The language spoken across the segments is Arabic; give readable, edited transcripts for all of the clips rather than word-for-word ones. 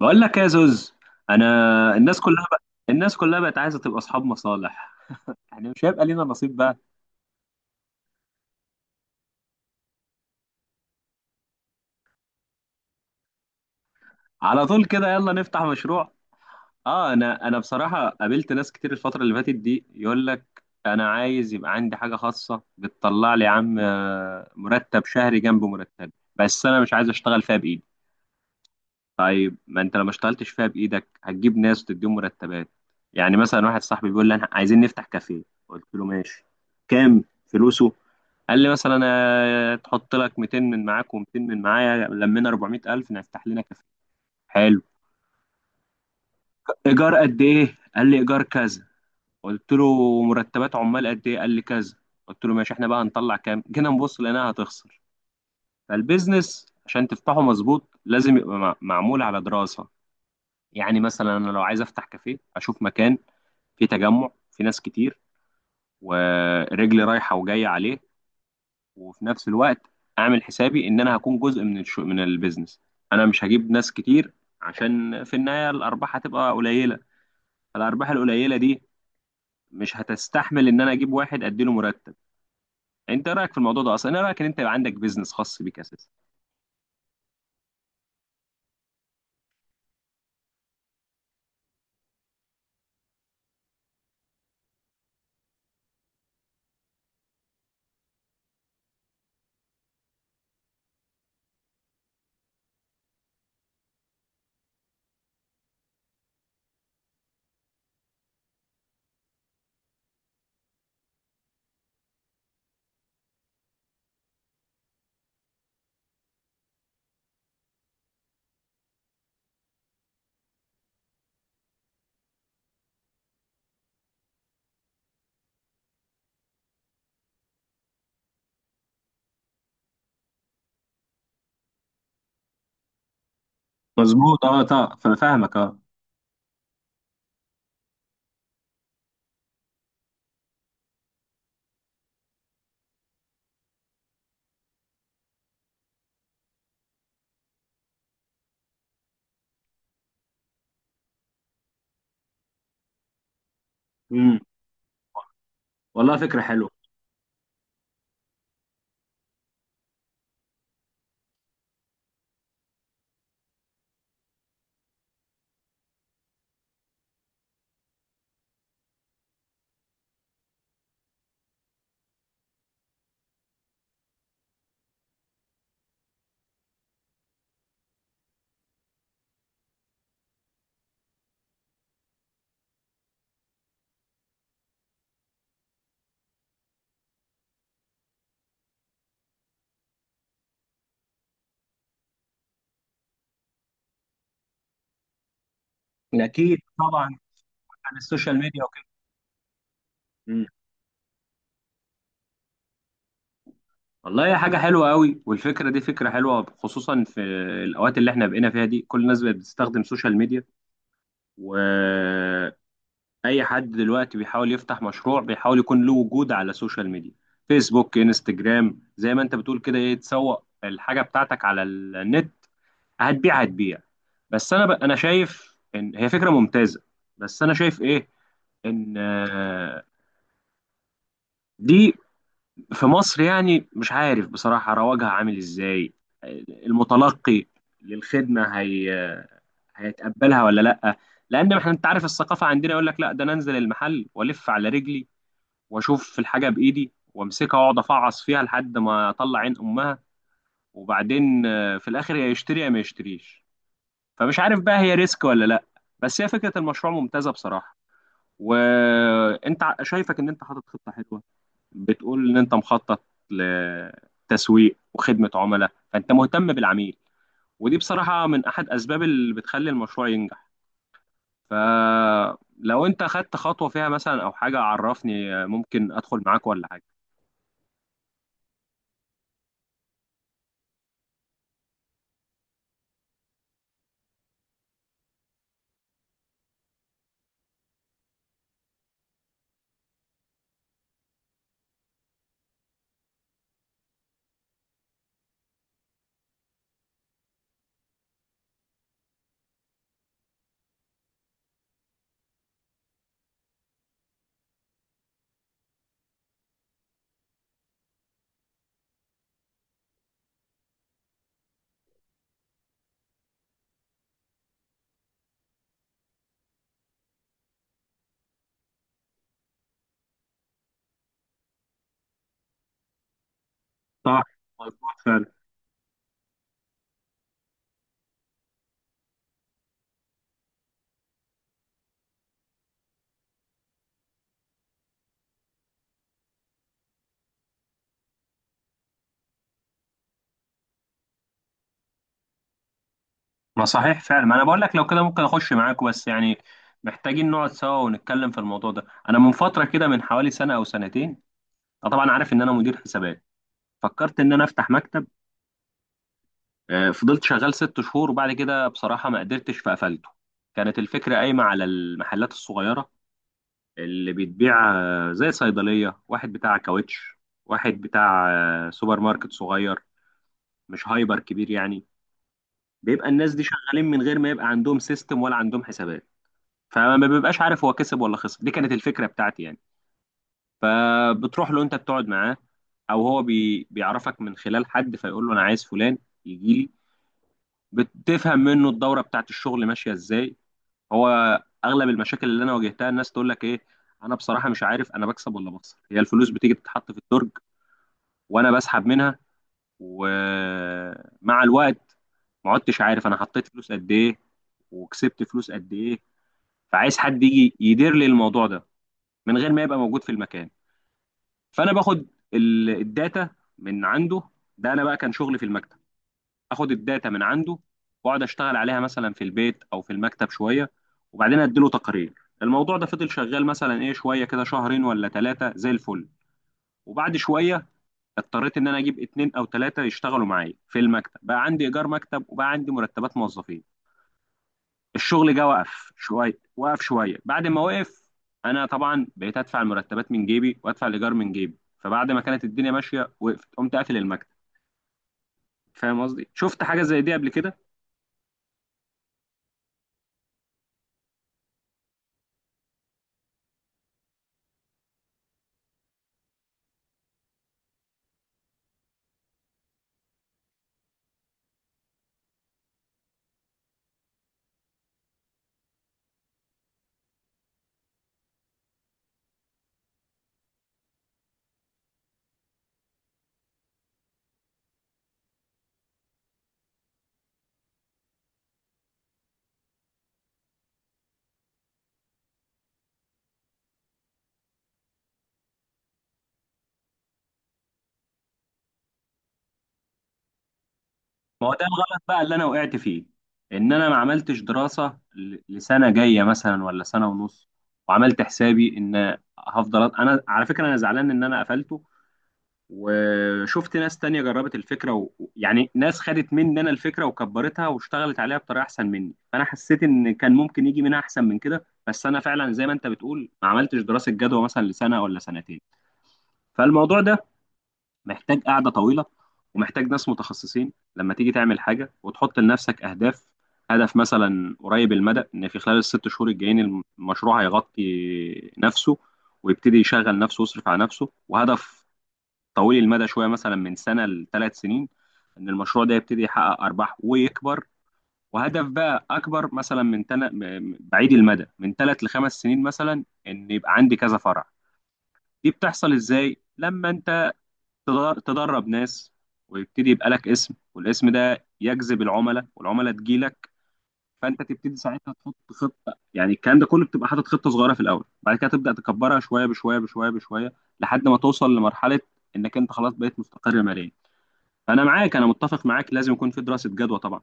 بقول لك يا زوز، انا الناس كلها بقى الناس كلها بقت عايزه تبقى اصحاب مصالح. يعني مش هيبقى لينا نصيب بقى. على طول كده، يلا نفتح مشروع. انا بصراحه قابلت ناس كتير الفتره اللي فاتت دي. يقول لك انا عايز يبقى عندي حاجه خاصه بتطلع لي يا عم، مرتب شهري جنب مرتب، بس انا مش عايز اشتغل فيها بايدي. طيب ما انت لو ما اشتغلتش فيها بايدك هتجيب ناس وتديهم مرتبات؟ يعني مثلا واحد صاحبي بيقول لي انا عايزين نفتح كافيه. قلت له ماشي، كام فلوسه؟ قال لي مثلا تحط لك 200 من معاك و200 من معايا لمينا 400000 نفتح لنا كافيه. حلو. ايجار قد ايه؟ قال لي ايجار كذا. قلت له مرتبات عمال قد ايه؟ قال لي كذا. قلت له ماشي، احنا بقى هنطلع كام؟ جينا نبص لقيناها هتخسر. فالبيزنس عشان تفتحه مظبوط لازم يبقى معمول على دراسة. يعني مثلا انا لو عايز افتح كافيه اشوف مكان فيه تجمع، فيه ناس كتير، ورجلي رايحة وجاية عليه. وفي نفس الوقت اعمل حسابي ان انا هكون جزء من البيزنس. انا مش هجيب ناس كتير عشان في النهايه الارباح هتبقى قليله. فالارباح القليله دي مش هتستحمل ان انا اجيب واحد اديله مرتب. انت إيه رايك في الموضوع ده اصلا؟ انا رايك ان انت يبقى عندك بيزنس خاص بيك اساسا. مظبوط، اه طبعا، فانا فاهمك. اه. امم. والله فكره حلوه. اكيد طبعا. عن السوشيال ميديا وكده. امم. والله هي حاجه حلوه قوي، والفكره دي فكره حلوه خصوصا في الاوقات اللي احنا بقينا فيها دي. كل الناس بقت بتستخدم سوشيال ميديا، و اي حد دلوقتي بيحاول يفتح مشروع بيحاول يكون له وجود على السوشيال ميديا. فيسبوك، انستجرام، زي ما انت بتقول كده، ايه، تسوق الحاجه بتاعتك على النت. هتبيع هتبيع. بس انا انا شايف ان هي فكره ممتازه. بس انا شايف ايه، ان دي في مصر يعني مش عارف بصراحه رواجها عامل ازاي. المتلقي للخدمه هي هيتقبلها ولا لا؟ لان احنا انت عارف الثقافه عندنا يقول لك لا، ده انا انزل المحل والف على رجلي واشوف الحاجه بايدي وامسكها واقعد افعص فيها لحد ما اطلع عين امها. وبعدين في الاخر يا يشتري يا ما يشتريش. فمش عارف بقى هي ريسك ولا لا. بس هي فكره المشروع ممتازه بصراحه. وانت شايفك ان انت حاطط خطه حلوه. بتقول ان انت مخطط لتسويق وخدمه عملاء، فانت مهتم بالعميل، ودي بصراحه من احد اسباب اللي بتخلي المشروع ينجح. فلو انت خدت خطوه فيها مثلا او حاجه عرفني، ممكن ادخل معاك ولا حاجه. صح، ما صحيح فعلا، ما انا بقول لك لو كده ممكن اخش معاك، بس يعني محتاجين نقعد سوا ونتكلم في الموضوع ده. انا من فتره كده من حوالي سنه او سنتين، أنا طبعا عارف ان انا مدير حسابات، فكرت ان انا افتح مكتب. فضلت شغال 6 شهور وبعد كده بصراحه ما قدرتش فقفلته. كانت الفكره قايمه على المحلات الصغيره اللي بتبيع، زي صيدليه، واحد بتاع كاوتش، واحد بتاع سوبر ماركت صغير مش هايبر كبير يعني. بيبقى الناس دي شغالين من غير ما يبقى عندهم سيستم ولا عندهم حسابات، فما بيبقاش عارف هو كسب ولا خسر. دي كانت الفكره بتاعتي يعني. فبتروح له انت بتقعد معاه، او هو بيعرفك من خلال حد فيقول له انا عايز فلان يجي لي. بتفهم منه الدوره بتاعت الشغل ماشيه ازاي. هو اغلب المشاكل اللي انا واجهتها الناس تقول لك ايه، انا بصراحه مش عارف انا بكسب ولا بخسر. هي الفلوس بتيجي تتحط في الدرج وانا بسحب منها، ومع الوقت ما عدتش عارف انا حطيت فلوس قد ايه وكسبت فلوس قد ايه. فعايز حد يجي يدير لي الموضوع ده من غير ما يبقى موجود في المكان. فانا باخد الداتا من عنده. ده انا بقى كان شغلي في المكتب، اخد الداتا من عنده واقعد اشتغل عليها مثلا في البيت او في المكتب شويه وبعدين اديله تقارير. الموضوع ده فضل شغال مثلا ايه شويه كده، شهرين ولا ثلاثه، زي الفل. وبعد شويه اضطريت ان انا اجيب اتنين او ثلاثه يشتغلوا معايا في المكتب، بقى عندي ايجار مكتب وبقى عندي مرتبات موظفين. الشغل جه وقف شويه، وقف شويه، بعد ما وقف انا طبعا بقيت ادفع المرتبات من جيبي وادفع الايجار من جيبي. فبعد ما كانت الدنيا ماشيه وقفت، قمت قافل المكتب. فاهم قصدي؟ شفت حاجه زي دي قبل كده؟ ما هو ده الغلط بقى اللي انا وقعت فيه، ان انا ما عملتش دراسه لسنه جايه مثلا ولا سنه ونص، وعملت حسابي ان هفضل انا. على فكره انا زعلان ان انا قفلته، وشفت ناس تانية جربت الفكرة يعني ناس خدت مني أنا الفكرة وكبرتها واشتغلت عليها بطريقة أحسن مني، فأنا حسيت إن كان ممكن يجي منها أحسن من كده. بس أنا فعلا زي ما أنت بتقول ما عملتش دراسة جدوى مثلا لسنة ولا سنتين. فالموضوع ده محتاج قعدة طويلة ومحتاج ناس متخصصين لما تيجي تعمل حاجة وتحط لنفسك أهداف. هدف مثلا قريب المدى، إن في خلال الست شهور الجايين المشروع هيغطي نفسه ويبتدي يشغل نفسه ويصرف على نفسه. وهدف طويل المدى شويه مثلا من سنه لثلاث سنين، ان المشروع ده يبتدي يحقق ارباح ويكبر. وهدف بقى اكبر مثلا بعيد المدى، من ثلاث لخمس سنين مثلا، ان يبقى عندي كذا فرع. دي بتحصل ازاي؟ لما انت تدرب ناس، ويبتدي يبقى لك اسم، والاسم ده يجذب العملاء، والعملاء تجيلك. فانت تبتدي ساعتها تحط خطه، يعني الكلام ده كله بتبقى حاطط خطه صغيره في الاول بعد كده تبدا تكبرها شويه بشويه بشويه بشويه، لحد ما توصل لمرحله انك انت خلاص بقيت مستقر ماليا. انا معاك، انا متفق معاك، لازم يكون في دراسة جدوى طبعا.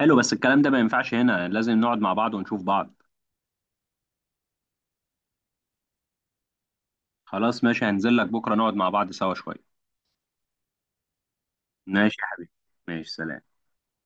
حلو، بس الكلام ده ما ينفعش هنا، لازم نقعد مع بعض ونشوف بعض. خلاص ماشي، هنزل لك بكرة نقعد مع بعض سوا شوية. ماشي يا حبيبي، ماشي، سلام.